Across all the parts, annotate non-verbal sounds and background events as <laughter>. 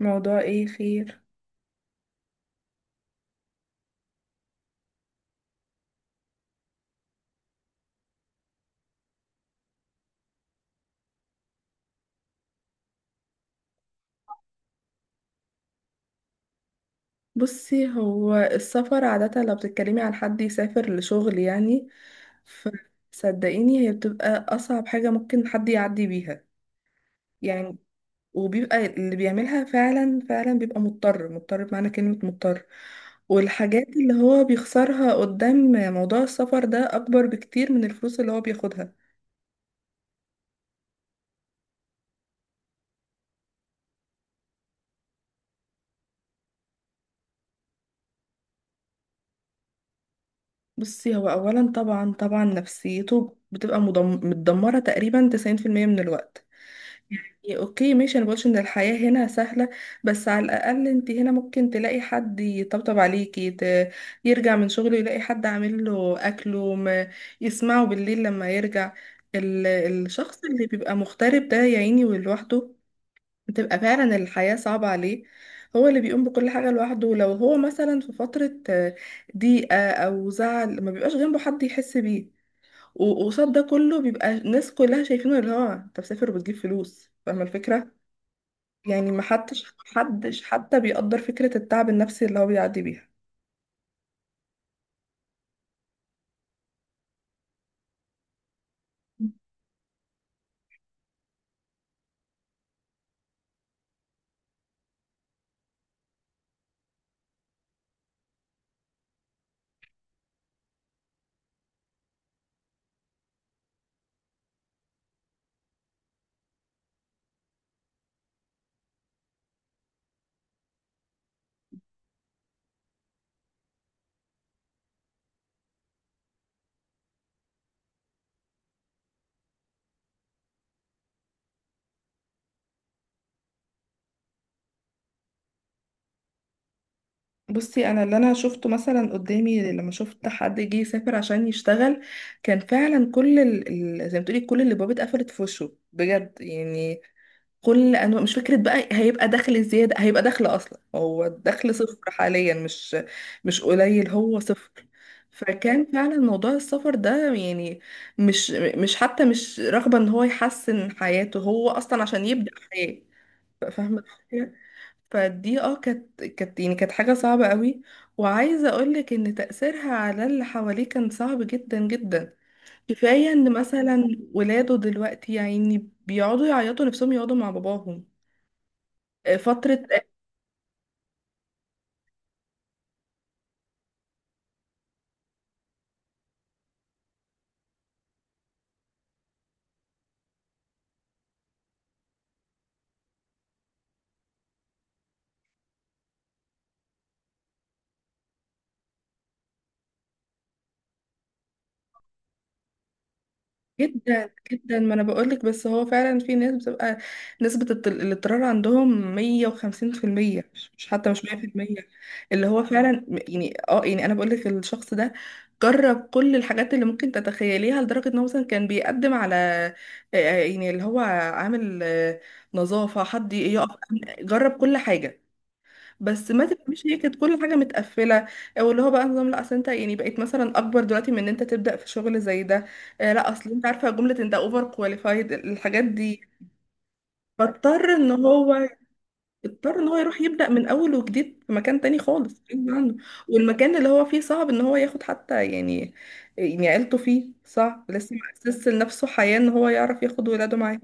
موضوع ايه خير؟ بصي، هو السفر عادة لو بتتكلمي عن حد يسافر لشغل يعني فصدقيني هي بتبقى أصعب حاجة ممكن حد يعدي بيها. يعني وبيبقى اللي بيعملها فعلا فعلا بيبقى مضطر مضطر بمعنى كلمة مضطر، والحاجات اللي هو بيخسرها قدام موضوع السفر ده أكبر بكتير من الفلوس اللي هو بياخدها. بصي، هو أولا طبعا طبعا نفسيته بتبقى متدمرة تقريبا 90% من الوقت. يعني اوكي ماشي، انا بقولش ان الحياة هنا سهلة، بس على الاقل انت هنا ممكن تلاقي حد يطبطب عليكي، يرجع من شغله يلاقي حد عامل له اكله، ما يسمعه بالليل لما يرجع. الشخص اللي بيبقى مغترب ده يا عيني ولوحده، بتبقى فعلا الحياة صعبة عليه. هو اللي بيقوم بكل حاجة لوحده، لو هو مثلا في فترة ضيقة او زعل ما بيبقاش جنبه حد يحس بيه. وقصاد ده كله بيبقى الناس كلها شايفينه اللي هو انت مسافر وبتجيب فلوس، فاهمة الفكرة. يعني ما حدش حتى بيقدر فكرة التعب النفسي اللي هو بيعدي بيها. بصي، انا اللي انا شفته مثلا قدامي لما شفت حد جه يسافر عشان يشتغل، كان فعلا زي ما تقولي كل اللي بابه اتقفلت في وشه، بجد يعني. كل انواع، مش فكره بقى هيبقى دخل زياده، هيبقى دخل اصلا، هو الدخل صفر حاليا، مش قليل، هو صفر. فكان فعلا موضوع السفر ده يعني مش مش حتى مش رغبه ان هو يحسن حياته، هو اصلا عشان يبدا حياه. فاهمه الفكرة؟ فدي كانت يعني كانت حاجه صعبه قوي، وعايزه اقولك ان تاثيرها على اللي حواليه كان صعب جدا جدا. كفاية ان مثلا ولاده دلوقتي يعني بيقعدوا يعيطوا نفسهم يقعدوا مع باباهم فترة. جدا جدا، ما انا بقولك، بس هو فعلا في ناس بتبقى نسبة الاضطرار عندهم مية وخمسين في المية، حتى مش مية في المية. اللي هو فعلا يعني يعني انا بقولك الشخص ده جرب كل الحاجات اللي ممكن تتخيليها، لدرجة ان هو مثلا كان بيقدم على آه، يعني اللي هو عامل نظافة، حد يقف. جرب كل حاجة، بس ما تفهميش، هي كانت كل حاجه متقفله. او اللي هو بقى نظام، لا اصل انت يعني بقيت مثلا اكبر دلوقتي من ان انت تبدا في شغل زي ده. لا اصل انت عارفه جمله انت اوفر كواليفايد الحاجات دي. فاضطر ان هو اضطر ان هو يروح يبدا من اول وجديد في مكان تاني خالص، غصب عنه. والمكان اللي هو فيه صعب ان هو ياخد حتى يعني عيلته فيه، صعب، لسه مؤسس لنفسه حياه، ان هو يعرف ياخد ولاده معاه.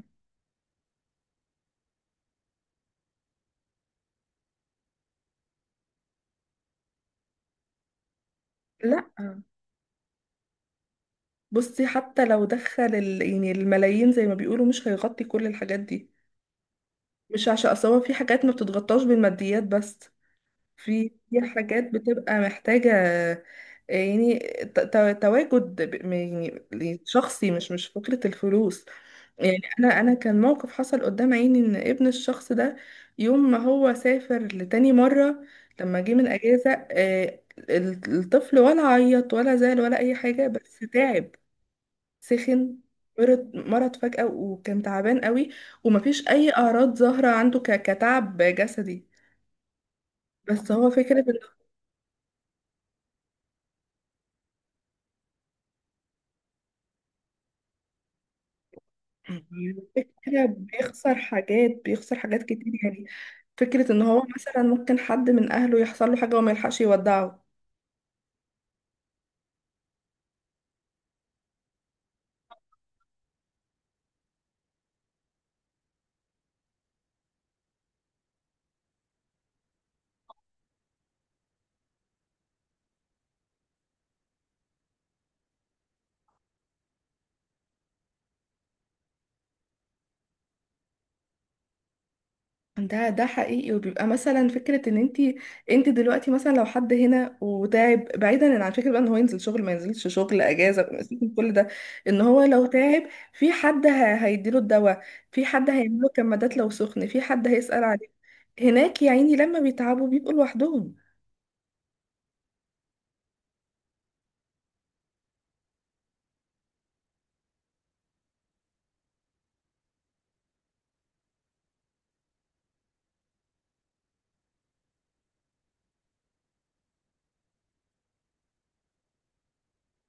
لا بصي، حتى لو دخل يعني الملايين زي ما بيقولوا مش هيغطي كل الحاجات دي. مش عشان اصل هو في حاجات ما بتتغطاش بالماديات بس. في حاجات بتبقى محتاجة يعني تواجد يعني شخصي، مش فكرة الفلوس. يعني انا كان موقف حصل قدام عيني، ان ابن الشخص ده يوم ما هو سافر لتاني مرة لما جه من اجازة، الطفل ولا عيط ولا زعل ولا اي حاجة، بس تعب، سخن، مرض فجأة وكان تعبان قوي، ومفيش أي أعراض ظاهرة عنده كتعب جسدي. بس هو فكرة إنه <laughs> فكرة بيخسر حاجات كتير يعني، فكرة إن هو مثلا ممكن حد من أهله يحصل له حاجة وما يلحقش يودعه. ده حقيقي، وبيبقى مثلا فكرة ان انت دلوقتي مثلا لو حد هنا وتعب، بعيدا عن فكرة بقى ان هو ينزل شغل ما ينزلش شغل اجازة سيبك من كل ده، ان هو لو تعب في حد هيديله الدواء، في حد هيعمله كمادات لو سخن، في حد هيسأل عليه. هناك يا عيني لما بيتعبوا بيبقوا لوحدهم.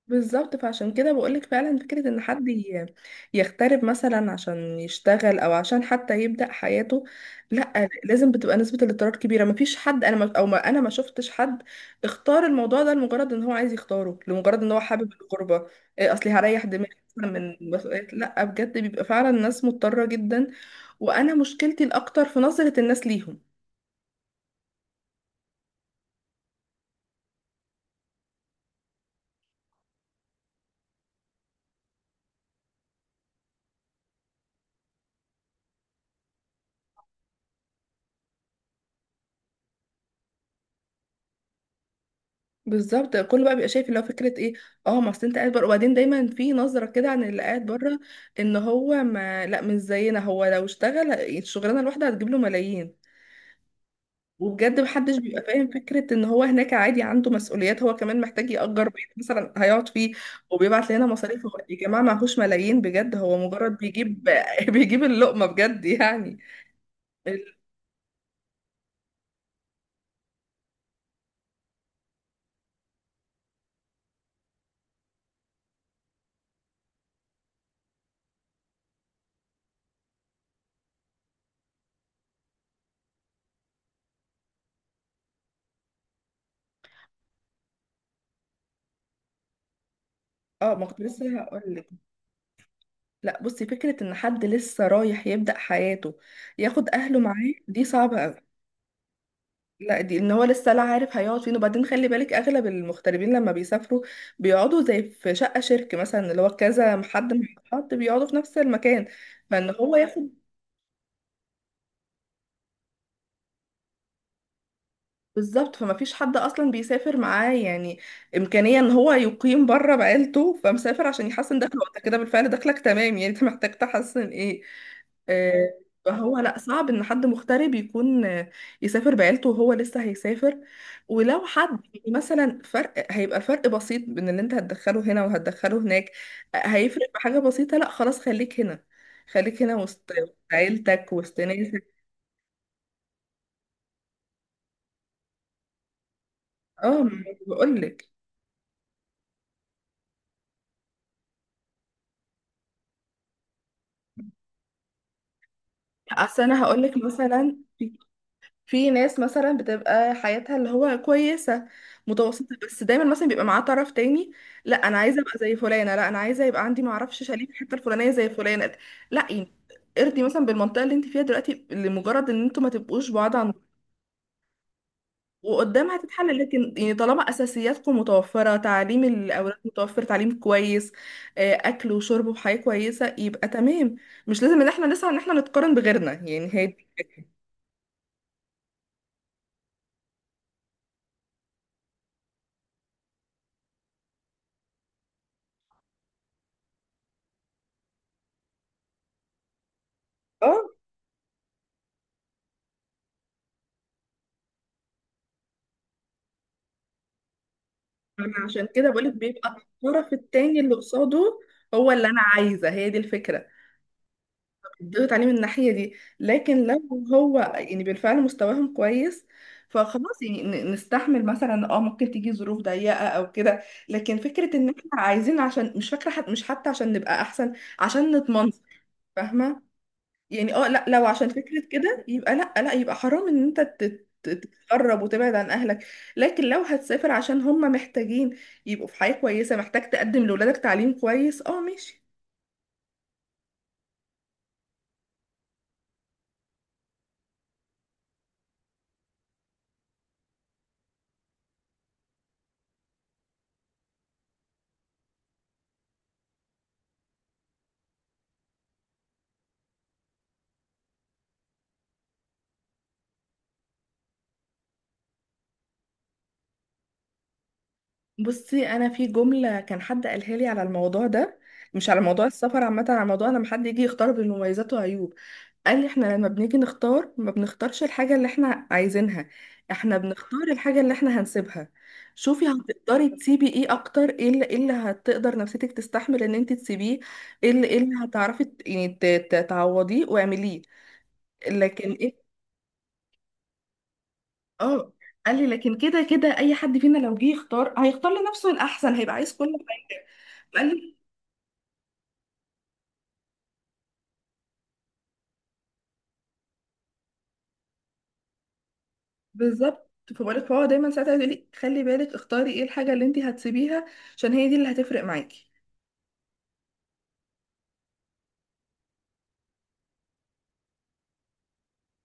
بالظبط، فعشان كده بقولك فعلا فكرة ان حد يغترب مثلا عشان يشتغل او عشان حتى يبدأ حياته، لا، لازم بتبقى نسبة الاضطرار كبيرة. مفيش حد انا ما او ما انا ما شفتش حد اختار الموضوع ده لمجرد ان هو عايز يختاره، لمجرد ان هو حابب الغربة، إيه اصلي هريح دماغي مثلا من مسؤوليات. لا بجد، بيبقى فعلا ناس مضطرة جدا، وانا مشكلتي الاكتر في نظرة الناس ليهم. بالظبط، كله بقى بيبقى شايف اللي هو فكره ايه. اه، ما اصل انت قاعد بره، وبعدين دايما في نظره كده عن اللي قاعد بره، ان هو ما لا مش زينا، هو لو اشتغل الشغلانه الواحده هتجيب له ملايين. وبجد محدش بيبقى فاهم فكره ان هو هناك عادي عنده مسؤوليات، هو كمان محتاج يأجر بيت مثلا هيقعد فيه، وبيبعت لنا مصاريف. هو يا جماعه معهوش ملايين بجد، هو مجرد بيجيب <laughs> بيجيب اللقمه بجد يعني. ال- اه، ما كنت لسه هقول لك. لا بصي، فكره ان حد لسه رايح يبدأ حياته ياخد اهله معاه دي صعبه. لا، دي ان هو لسه لا عارف هيقعد فين، وبعدين خلي بالك اغلب المغتربين لما بيسافروا بيقعدوا زي في شقة شركة مثلا، اللي هو كذا حد مع حد بيقعدوا في نفس المكان. فان هو ياخد. بالظبط، فما فيش حد اصلا بيسافر معاه، يعني امكانيه ان هو يقيم بره بعيلته، فمسافر عشان يحسن دخله وانت كده بالفعل دخلك تمام، يعني انت <laughs> محتاج تحسن ايه. آه، فهو لا، صعب ان حد مغترب يكون يسافر بعيلته وهو لسه هيسافر. ولو حد يعني مثلا فرق، هيبقى الفرق بسيط بين اللي انت هتدخله هنا وهتدخله هناك، هيفرق بحاجه بسيطه، لا خلاص خليك هنا، خليك هنا وسط عيلتك وسط ناسك. اه، بقول لك، اصل انا هقولك مثلا في ناس مثلا بتبقى حياتها اللي هو كويسه متوسطه، بس دايما مثلا بيبقى معاه طرف تاني، لا انا عايزه ابقى زي فلانه، لا انا عايزه يبقى عندي معرفش شاليه في الحته الفلانيه زي فلانه. لا يعني ارضي مثلا بالمنطقه اللي انت فيها دلوقتي، لمجرد ان انتوا ما تبقوش بعاد عن، وقدام هتتحل. لكن يعني طالما اساسياتكم متوفره، تعليم الاولاد متوفر تعليم كويس، اكل وشرب وحياه كويسه، يبقى تمام. مش لازم ان احنا نسعى ان احنا نتقارن بغيرنا، يعني هادي. انا عشان كده بقولك بيبقى الطرف التاني اللي قصاده هو اللي انا عايزه، هي دي الفكره، ضغط عليه من الناحيه دي. لكن لو هو يعني بالفعل مستواهم كويس، فخلاص يعني نستحمل مثلا، ممكن تيجي ظروف ضيقه او كده. لكن فكره ان احنا عايزين عشان مش فاكره، مش حتى، عشان نبقى احسن، عشان نتمنصر، فاهمه. يعني لا، لو عشان فكرة كده يبقى لا لا، يبقى حرام ان انت تتقرب وتبعد عن اهلك. لكن لو هتسافر عشان هم محتاجين يبقوا في حياة كويسة، محتاج تقدم لولادك تعليم كويس، اه ماشي. بصي انا في جملة كان حد قالها لي على الموضوع ده، مش على موضوع السفر عامة، على موضوع لما حد يجي يختار بين مميزات وعيوب. قال لي احنا لما بنيجي نختار ما بنختارش الحاجة اللي احنا عايزينها، احنا بنختار الحاجة اللي احنا هنسيبها. شوفي، هتقدري تسيبي ايه اكتر، إيه اللي هتقدر نفسيتك تستحمل ان انت تسيبيه، إيه اللي هتعرفي يعني تعوضيه واعمليه. لكن ايه، اه قال لي لكن كده كده اي حد فينا لو جه يختار هيختار لنفسه الاحسن، هيبقى عايز كل حاجة. قال لي بالظبط، فبقولك فهو دايما ساعتها يقول لي خلي بالك اختاري ايه الحاجة اللي انت هتسيبيها عشان هي دي اللي هتفرق معاكي.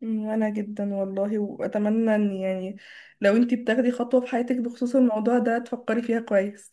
وانا جدا والله، واتمنى ان يعني لو انتي بتاخدي خطوة في حياتك بخصوص الموضوع ده تفكري فيها كويس.